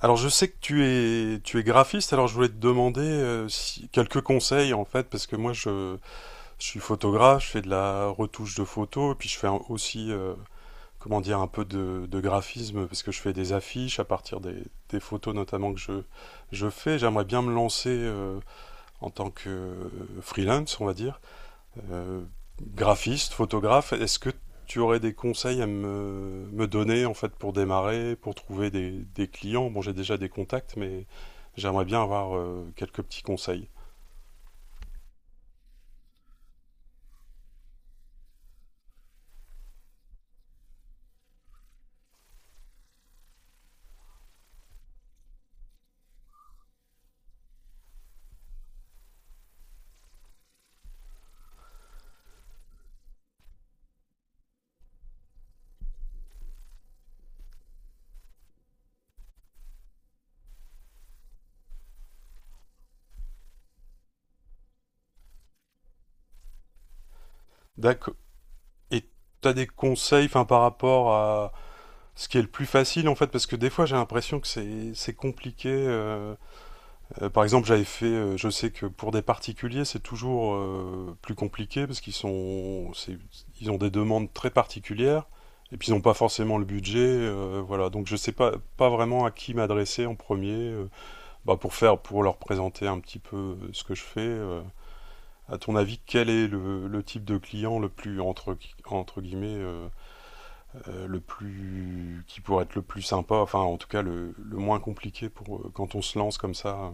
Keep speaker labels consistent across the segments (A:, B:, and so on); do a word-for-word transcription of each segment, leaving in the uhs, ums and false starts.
A: Alors je sais que tu es tu es graphiste, alors je voulais te demander euh, si, quelques conseils en fait parce que moi je, je suis photographe, je fais de la retouche de photos et puis je fais un- aussi euh, comment dire un peu de, de graphisme parce que je fais des affiches à partir des, des photos notamment que je je fais. J'aimerais bien me lancer euh, en tant que euh, freelance on va dire euh, graphiste, photographe, est-ce que tu aurais des conseils à me, me donner en fait pour démarrer, pour trouver des, des clients? Bon, j'ai déjà des contacts, mais j'aimerais bien avoir euh, quelques petits conseils. D'accord. Et t'as des conseils, enfin, par rapport à ce qui est le plus facile en fait, parce que des fois j'ai l'impression que c'est c'est compliqué. Euh, Euh, par exemple, j'avais fait, euh, je sais que pour des particuliers, c'est toujours euh, plus compliqué parce qu'ils sont, c'est- ils ont des demandes très particulières et puis ils n'ont pas forcément le budget, euh, voilà. Donc je sais pas, pas vraiment à qui m'adresser en premier, euh, bah, pour faire, pour leur présenter un petit peu euh, ce que je fais. euh. À ton avis, quel est le, le type de client le plus entre gui- entre guillemets euh, euh, le plus qui pourrait être le plus sympa, enfin en tout cas le, le moins compliqué pour euh, quand on se lance comme ça. euh?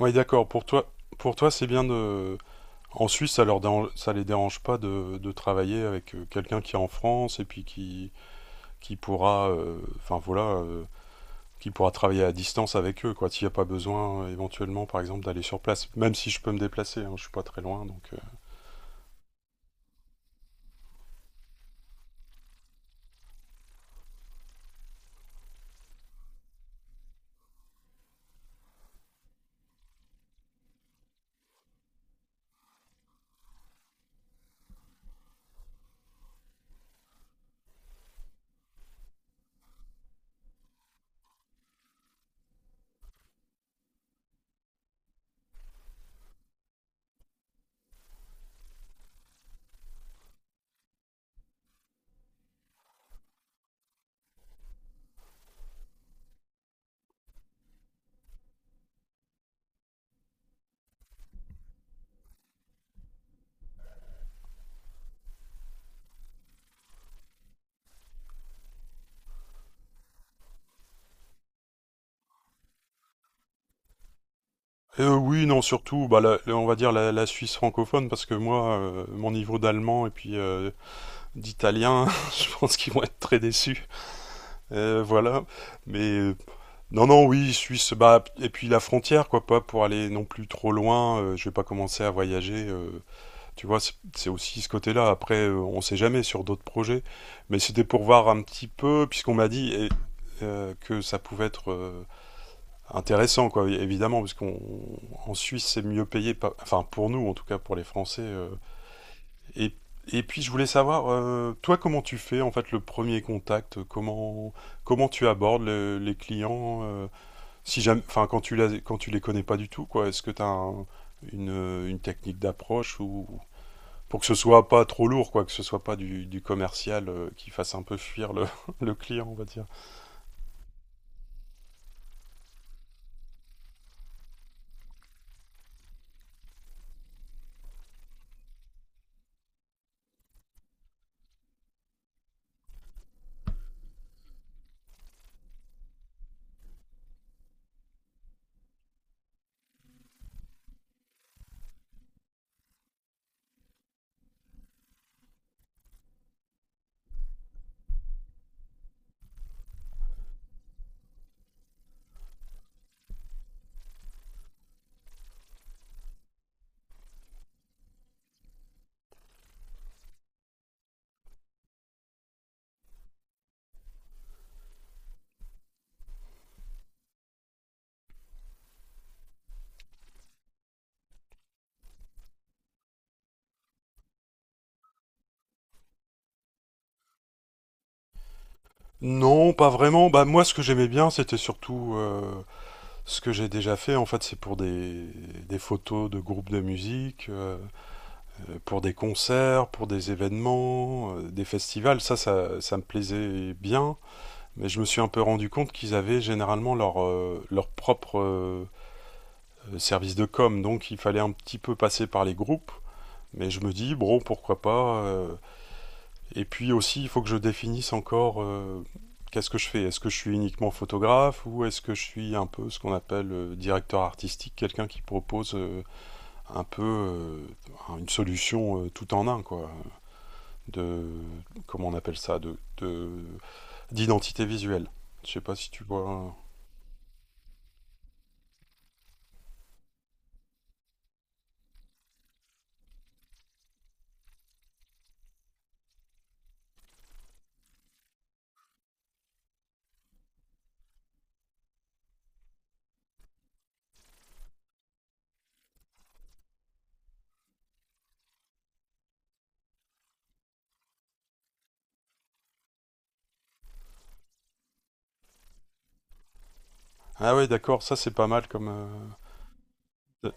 A: Oui, d'accord. Pour toi, pour toi, c'est bien de. En Suisse, ça leur dérange- ça les dérange pas de, de travailler avec euh, quelqu'un qui est en France et puis qui, qui pourra, euh, enfin voilà, euh, qui pourra travailler à distance avec eux, quoi. S'il n'y a pas besoin, euh, éventuellement, par exemple, d'aller sur place. Même si je peux me déplacer, hein, je suis pas très loin, donc. euh. Euh, oui, non, surtout, bah, la- la- on va dire la, la Suisse francophone, parce que moi, euh, mon niveau d'allemand et puis euh, d'italien, je pense qu'ils vont être très déçus. Euh, voilà. Mais euh, non, non, oui, Suisse, bah, et puis la frontière, quoi, pas pour aller non plus trop loin, euh, je vais pas commencer à voyager, euh, tu vois, c'est c'est aussi ce côté-là, après, euh, on sait jamais sur d'autres projets, mais c'était pour voir un petit peu, puisqu'on m'a dit et, euh, que ça pouvait être euh, intéressant, quoi, é- évidemment, parce qu'on, en Suisse, c'est mieux payé, pas- enfin, pour nous, en tout cas, pour les Français, euh, et, et puis, je voulais savoir, euh, toi, comment tu fais, en fait, le premier contact, comment, comment tu abordes le- les clients, euh, si jamais, enfin, quand tu les, quand tu les connais pas du tout, quoi, est-ce que tu as une, une technique d'approche ou pour que ce soit pas trop lourd, quoi, que ce soit pas du, du commercial euh, qui fasse un peu fuir le, le client, on va dire. Non, pas vraiment. Bah moi, ce que j'aimais bien, c'était surtout euh, ce que j'ai déjà fait. En fait, c'est pour des, des photos de groupes de musique, euh, pour des concerts, pour des événements, euh, des festivals. Ça, ça, ça me plaisait bien. Mais je me suis un peu rendu compte qu'ils avaient généralement leur, euh, leur propre euh, service de com, donc il fallait un petit peu passer par les groupes. Mais je me dis, bro, pourquoi pas euh, et puis aussi, il faut que je définisse encore euh, qu'est-ce que je fais. Est-ce que je suis uniquement photographe ou est-ce que je suis un peu ce qu'on appelle euh, directeur artistique, quelqu'un qui propose euh, un peu euh, une solution euh, tout en un, quoi, de comment on appelle ça, de de- d'identité visuelle. Je sais pas si tu vois. Ah ouais, d'accord, ça c'est pas mal comme. euh,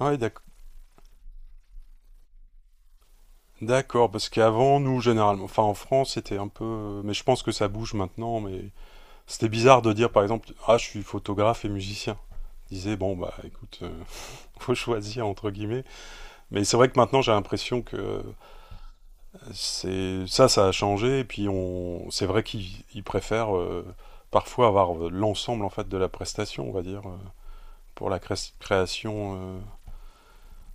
A: Ah ouais, d'ac- d'accord, parce qu'avant, nous, généralement, enfin en France, c'était un peu. euh, Mais je pense que ça bouge maintenant, mais c'était bizarre de dire par exemple, ah, je suis photographe et musicien. Je disais, bon, bah écoute, euh, faut choisir entre guillemets. Mais c'est vrai que maintenant, j'ai l'impression que euh, c'est ça, ça a changé, et puis on... c'est vrai qu'ils ils préfèrent euh, parfois avoir euh, l'ensemble en fait de la prestation, on va dire, euh, pour la cré- création. euh,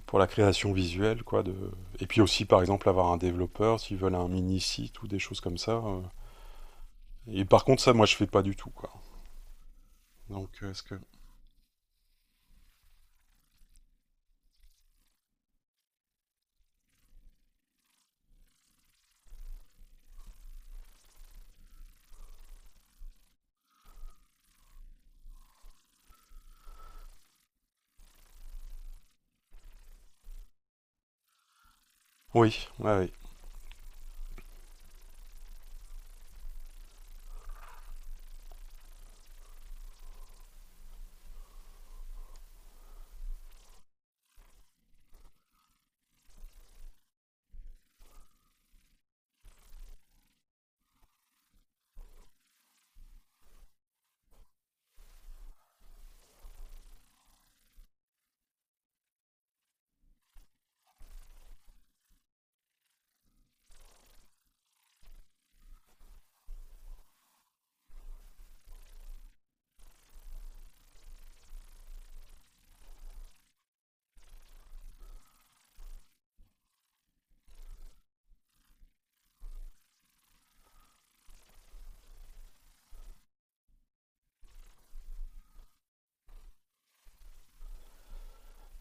A: Pour la création visuelle, quoi. De... Et puis aussi, par exemple, avoir un développeur s'ils veulent un mini site ou des choses comme ça. euh. Et par contre, ça, moi, je fais pas du tout, quoi. Donc, euh, est-ce que oui, ouais, ouais,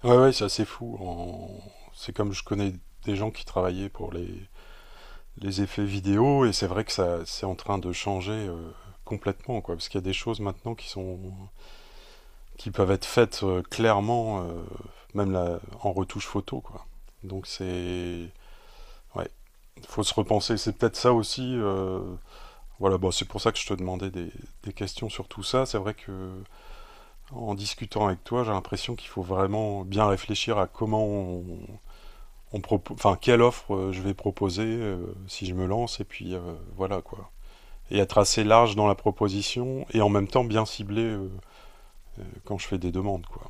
A: ouais, ouais c'est assez fou. En- C'est comme je connais des gens qui travaillaient pour les les effets vidéo et c'est vrai que ça, c'est en train de changer euh, complètement, quoi. Parce qu'il y a des choses maintenant qui sont qui peuvent être faites euh, clairement, euh, même la- en retouche photo, quoi. Donc c'est ouais, faut se repenser. C'est peut-être ça aussi. euh, Voilà, bon, c'est pour ça que je te demandais des, des questions sur tout ça. C'est vrai que en discutant avec toi, j'ai l'impression qu'il faut vraiment bien réfléchir à comment on, on propo- enfin quelle offre euh, je vais proposer euh, si je me lance, et puis euh, voilà quoi. Et être assez large dans la proposition et en même temps bien ciblé euh, euh, quand je fais des demandes quoi.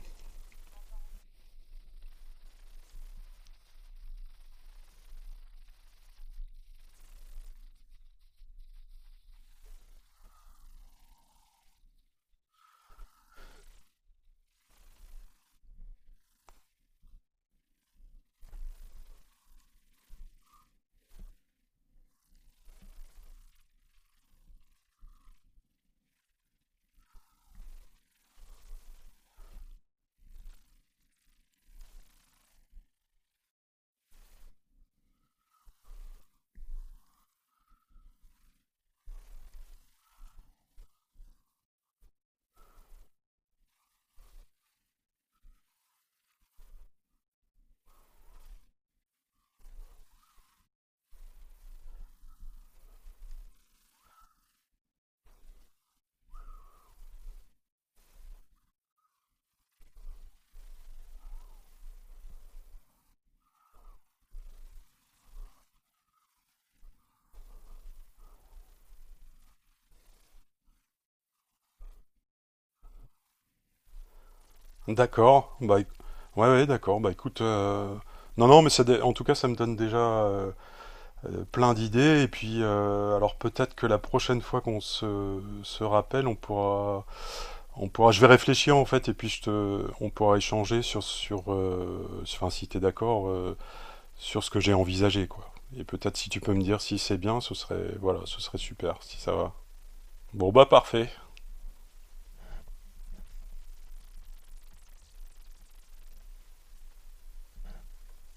A: D'accord. Bah, ouais, ouais, d'accord. Bah écoute. euh, Non, non, mais ça en tout cas, ça me donne déjà euh, euh, plein d'idées. Et puis, euh, alors peut-être que la prochaine fois qu'on se, se rappelle, on pourra, on pourra. Je vais réfléchir en fait, et puis je te, on pourra échanger sur, sur, euh, sur- enfin, si t'es d'accord, euh, sur ce que j'ai envisagé, quoi. Et peut-être si tu peux me dire si c'est bien, ce serait, voilà, ce serait super, si ça va. Bon bah parfait.